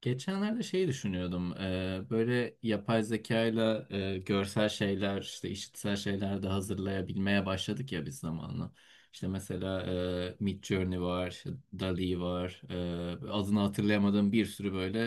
Geçenlerde şeyi düşünüyordum. Böyle yapay zekayla ile görsel şeyler, işte işitsel şeyler de hazırlayabilmeye başladık ya biz zamanla. İşte mesela Midjourney var, işte Dall-E var. Adını hatırlayamadığım bir sürü böyle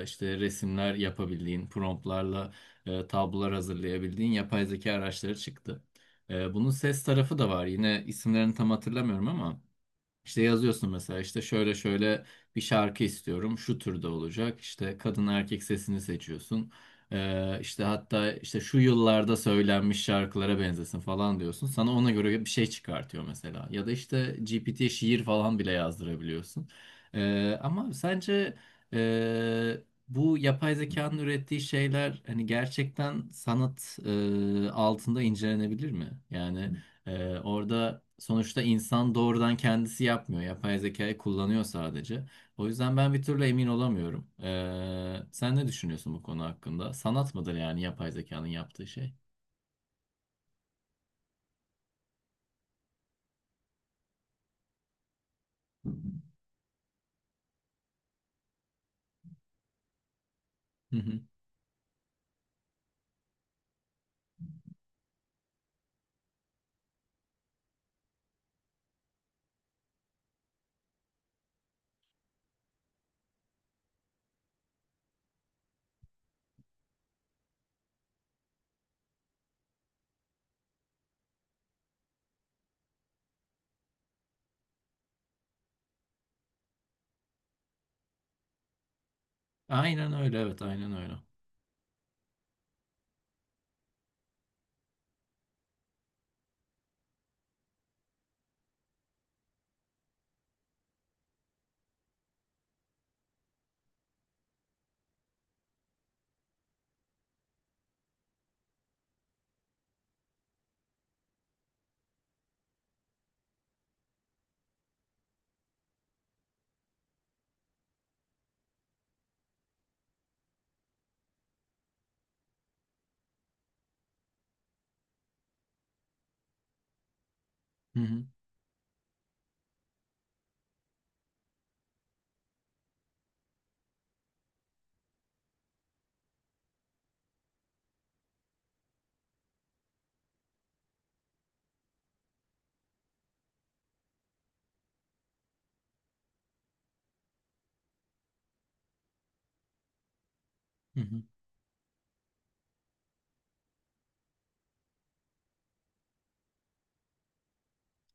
işte resimler yapabildiğin, promptlarla tablolar hazırlayabildiğin yapay zeka araçları çıktı. Bunun ses tarafı da var. Yine isimlerini tam hatırlamıyorum ama. İşte yazıyorsun mesela, işte şöyle şöyle bir şarkı istiyorum, şu türde olacak, işte kadın erkek sesini seçiyorsun. İşte hatta işte şu yıllarda söylenmiş şarkılara benzesin falan diyorsun, sana ona göre bir şey çıkartıyor mesela. Ya da işte GPT'ye şiir falan bile yazdırabiliyorsun. Ama sence e, bu yapay zekanın ürettiği şeyler hani gerçekten sanat altında incelenebilir mi? Yani orada sonuçta insan doğrudan kendisi yapmıyor. Yapay zekayı kullanıyor sadece. O yüzden ben bir türlü emin olamıyorum. Sen ne düşünüyorsun bu konu hakkında? Sanat mıdır yani yapay zekanın yaptığı şey? Hı hı. Aynen öyle, evet, aynen öyle. Hı hı. Hı hı.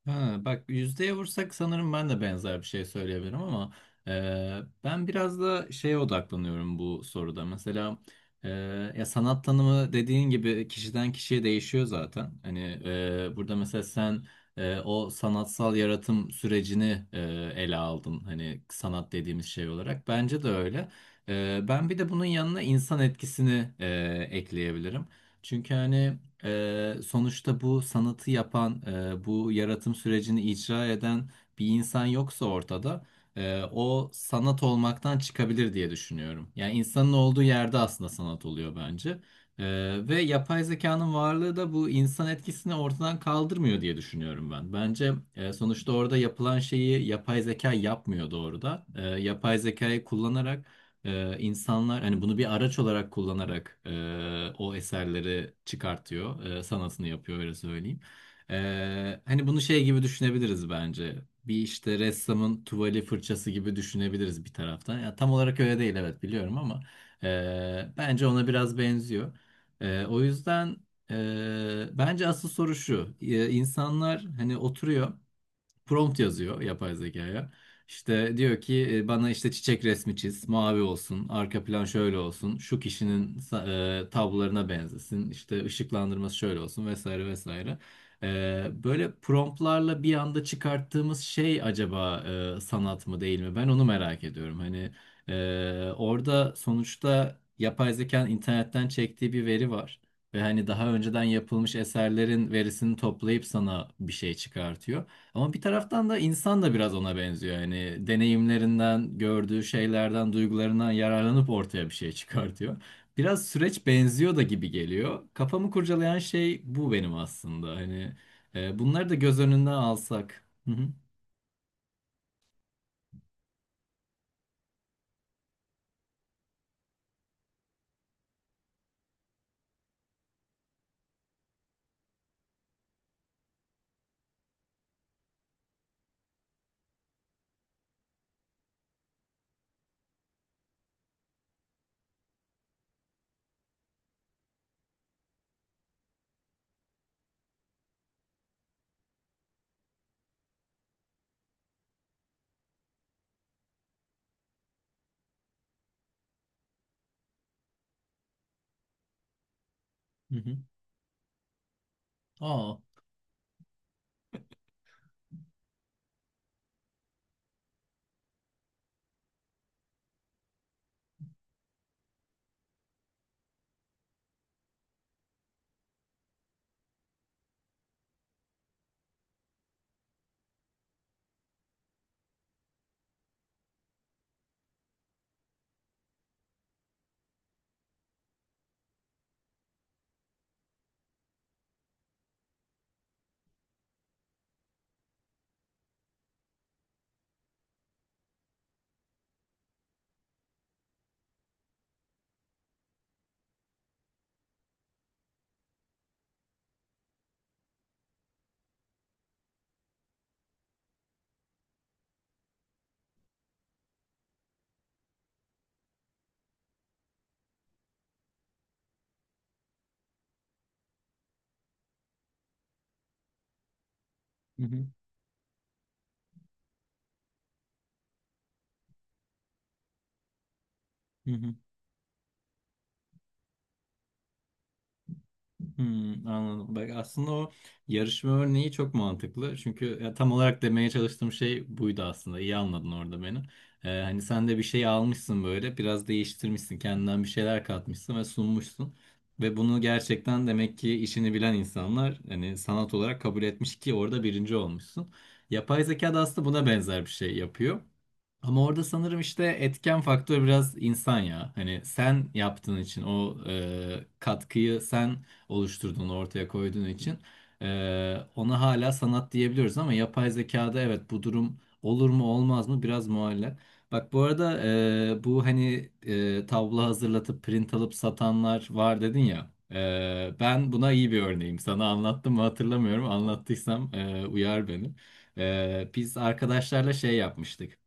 Ha, bak, yüzdeye vursak sanırım ben de benzer bir şey söyleyebilirim ama ben biraz da şeye odaklanıyorum bu soruda. Mesela e, ya sanat tanımı dediğin gibi kişiden kişiye değişiyor zaten. Hani burada mesela sen o sanatsal yaratım sürecini ele aldın. Hani sanat dediğimiz şey olarak. Bence de öyle. Ben bir de bunun yanına insan etkisini ekleyebilirim. Çünkü hani sonuçta bu sanatı yapan, bu yaratım sürecini icra eden bir insan yoksa ortada, o sanat olmaktan çıkabilir diye düşünüyorum. Yani insanın olduğu yerde aslında sanat oluyor bence. Ve yapay zekanın varlığı da bu insan etkisini ortadan kaldırmıyor diye düşünüyorum ben. Bence sonuçta orada yapılan şeyi yapay zeka yapmıyor doğrudan. Yapay zekayı kullanarak insanlar hani bunu bir araç olarak kullanarak o eserleri çıkartıyor, sanatını yapıyor, öyle söyleyeyim. Hani bunu şey gibi düşünebiliriz bence. Bir işte ressamın tuvali, fırçası gibi düşünebiliriz bir taraftan. Ya tam olarak öyle değil, evet, biliyorum ama bence ona biraz benziyor. O yüzden bence asıl soru şu. İnsanlar hani oturuyor, prompt yazıyor yapay zekaya. İşte diyor ki bana işte çiçek resmi çiz, mavi olsun, arka plan şöyle olsun, şu kişinin tablolarına benzesin, işte ışıklandırması şöyle olsun vesaire vesaire. Böyle promptlarla bir anda çıkarttığımız şey acaba sanat mı değil mi? Ben onu merak ediyorum. Hani orada sonuçta yapay zekanın internetten çektiği bir veri var. Ve hani daha önceden yapılmış eserlerin verisini toplayıp sana bir şey çıkartıyor. Ama bir taraftan da insan da biraz ona benziyor. Yani deneyimlerinden, gördüğü şeylerden, duygularından yararlanıp ortaya bir şey çıkartıyor. Biraz süreç benziyor da gibi geliyor. Kafamı kurcalayan şey bu benim aslında. Hani bunları da göz önünden alsak. Hı hı. Hı hı. Aa. Hı hı. Hı hı. Hmm, anladım. Bak, aslında o yarışma örneği çok mantıklı. Çünkü ya, tam olarak demeye çalıştığım şey buydu aslında. İyi anladın orada beni. Hani sen de bir şey almışsın böyle, biraz değiştirmişsin, kendinden bir şeyler katmışsın ve sunmuşsun. Ve bunu gerçekten demek ki işini bilen insanlar hani sanat olarak kabul etmiş ki orada birinci olmuşsun. Yapay zeka da aslında buna benzer bir şey yapıyor. Ama orada sanırım işte etken faktör biraz insan ya. Hani sen yaptığın için, o katkıyı sen oluşturduğunu ortaya koyduğun için ona hala sanat diyebiliyoruz ama yapay zekada evet, bu durum olur mu olmaz mı, biraz muallak. Bak, bu arada bu hani tablo hazırlatıp print alıp satanlar var dedin ya. Ben buna iyi bir örneğim. Sana anlattım mı, hatırlamıyorum. Anlattıysam uyar beni. Biz arkadaşlarla şey yapmıştık.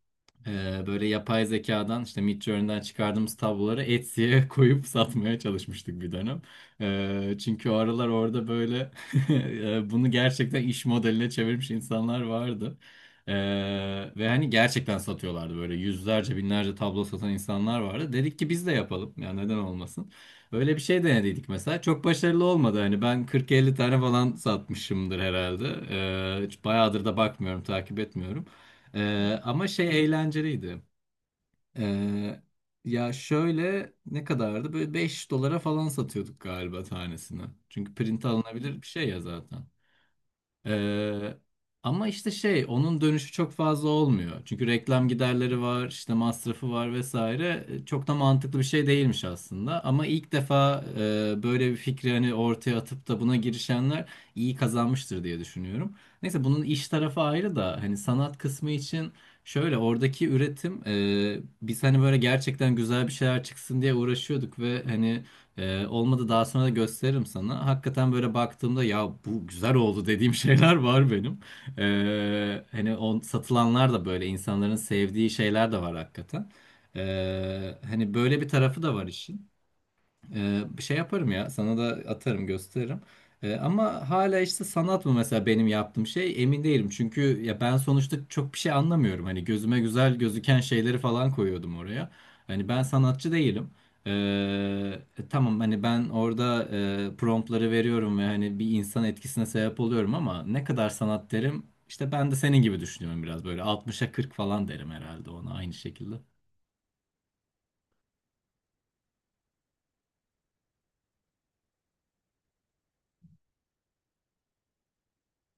Böyle yapay zekadan işte Midjourney'den çıkardığımız tabloları Etsy'ye koyup satmaya çalışmıştık bir dönem. Çünkü o aralar orada böyle bunu gerçekten iş modeline çevirmiş insanlar vardı. Ee, ve hani gerçekten satıyorlardı, böyle yüzlerce, binlerce tablo satan insanlar vardı. Dedik ki biz de yapalım ya, neden olmasın. Öyle bir şey denediydik mesela. Çok başarılı olmadı. Hani ben 40-50 tane falan satmışımdır herhalde. Hiç bayağıdır da bakmıyorum, takip etmiyorum. Ama şey, eğlenceliydi. Ee, Ya şöyle, ne kadardı? Böyle 5 dolara falan satıyorduk galiba tanesini. Çünkü print alınabilir bir şey ya zaten. Ee, Ama işte şey, onun dönüşü çok fazla olmuyor. Çünkü reklam giderleri var, işte masrafı var vesaire. Çok da mantıklı bir şey değilmiş aslında. Ama ilk defa böyle bir fikri hani ortaya atıp da buna girişenler iyi kazanmıştır diye düşünüyorum. Neyse, bunun iş tarafı ayrı da hani sanat kısmı için şöyle, oradaki üretim, biz hani böyle gerçekten güzel bir şeyler çıksın diye uğraşıyorduk ve hani olmadı, daha sonra da gösteririm sana. Hakikaten böyle baktığımda ya bu güzel oldu dediğim şeyler var benim. Hani satılanlar da böyle insanların sevdiği şeyler de var hakikaten. Hani böyle bir tarafı da var işin. Şey, yaparım ya, sana da atarım, gösteririm. Ama hala işte sanat mı mesela benim yaptığım şey, emin değilim. Çünkü ya ben sonuçta çok bir şey anlamıyorum. Hani gözüme güzel gözüken şeyleri falan koyuyordum oraya. Hani ben sanatçı değilim. Ee, tamam hani ben orada promptları veriyorum ve hani bir insan etkisine sebep oluyorum ama ne kadar sanat derim, işte ben de senin gibi düşünüyorum biraz, böyle 60'a 40 falan derim herhalde ona, aynı şekilde.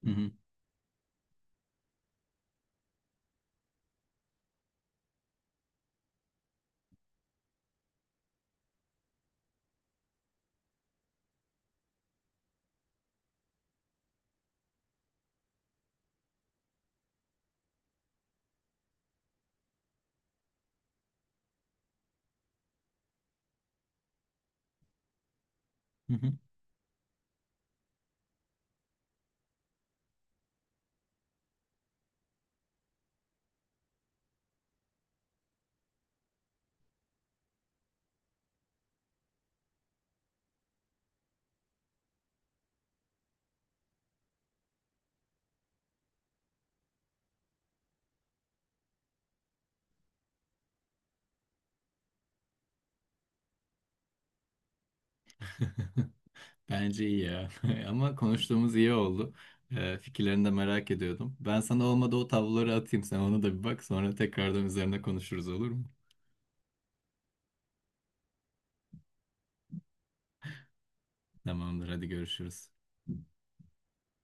Hı hı. Hı hı. Bence iyi ya. Ama konuştuğumuz iyi oldu. Fikirlerini de merak ediyordum. Ben sana, olmadı, o tabloları atayım. Sen ona da bir bak. Sonra tekrardan üzerine konuşuruz, olur mu? Tamamdır. Hadi görüşürüz.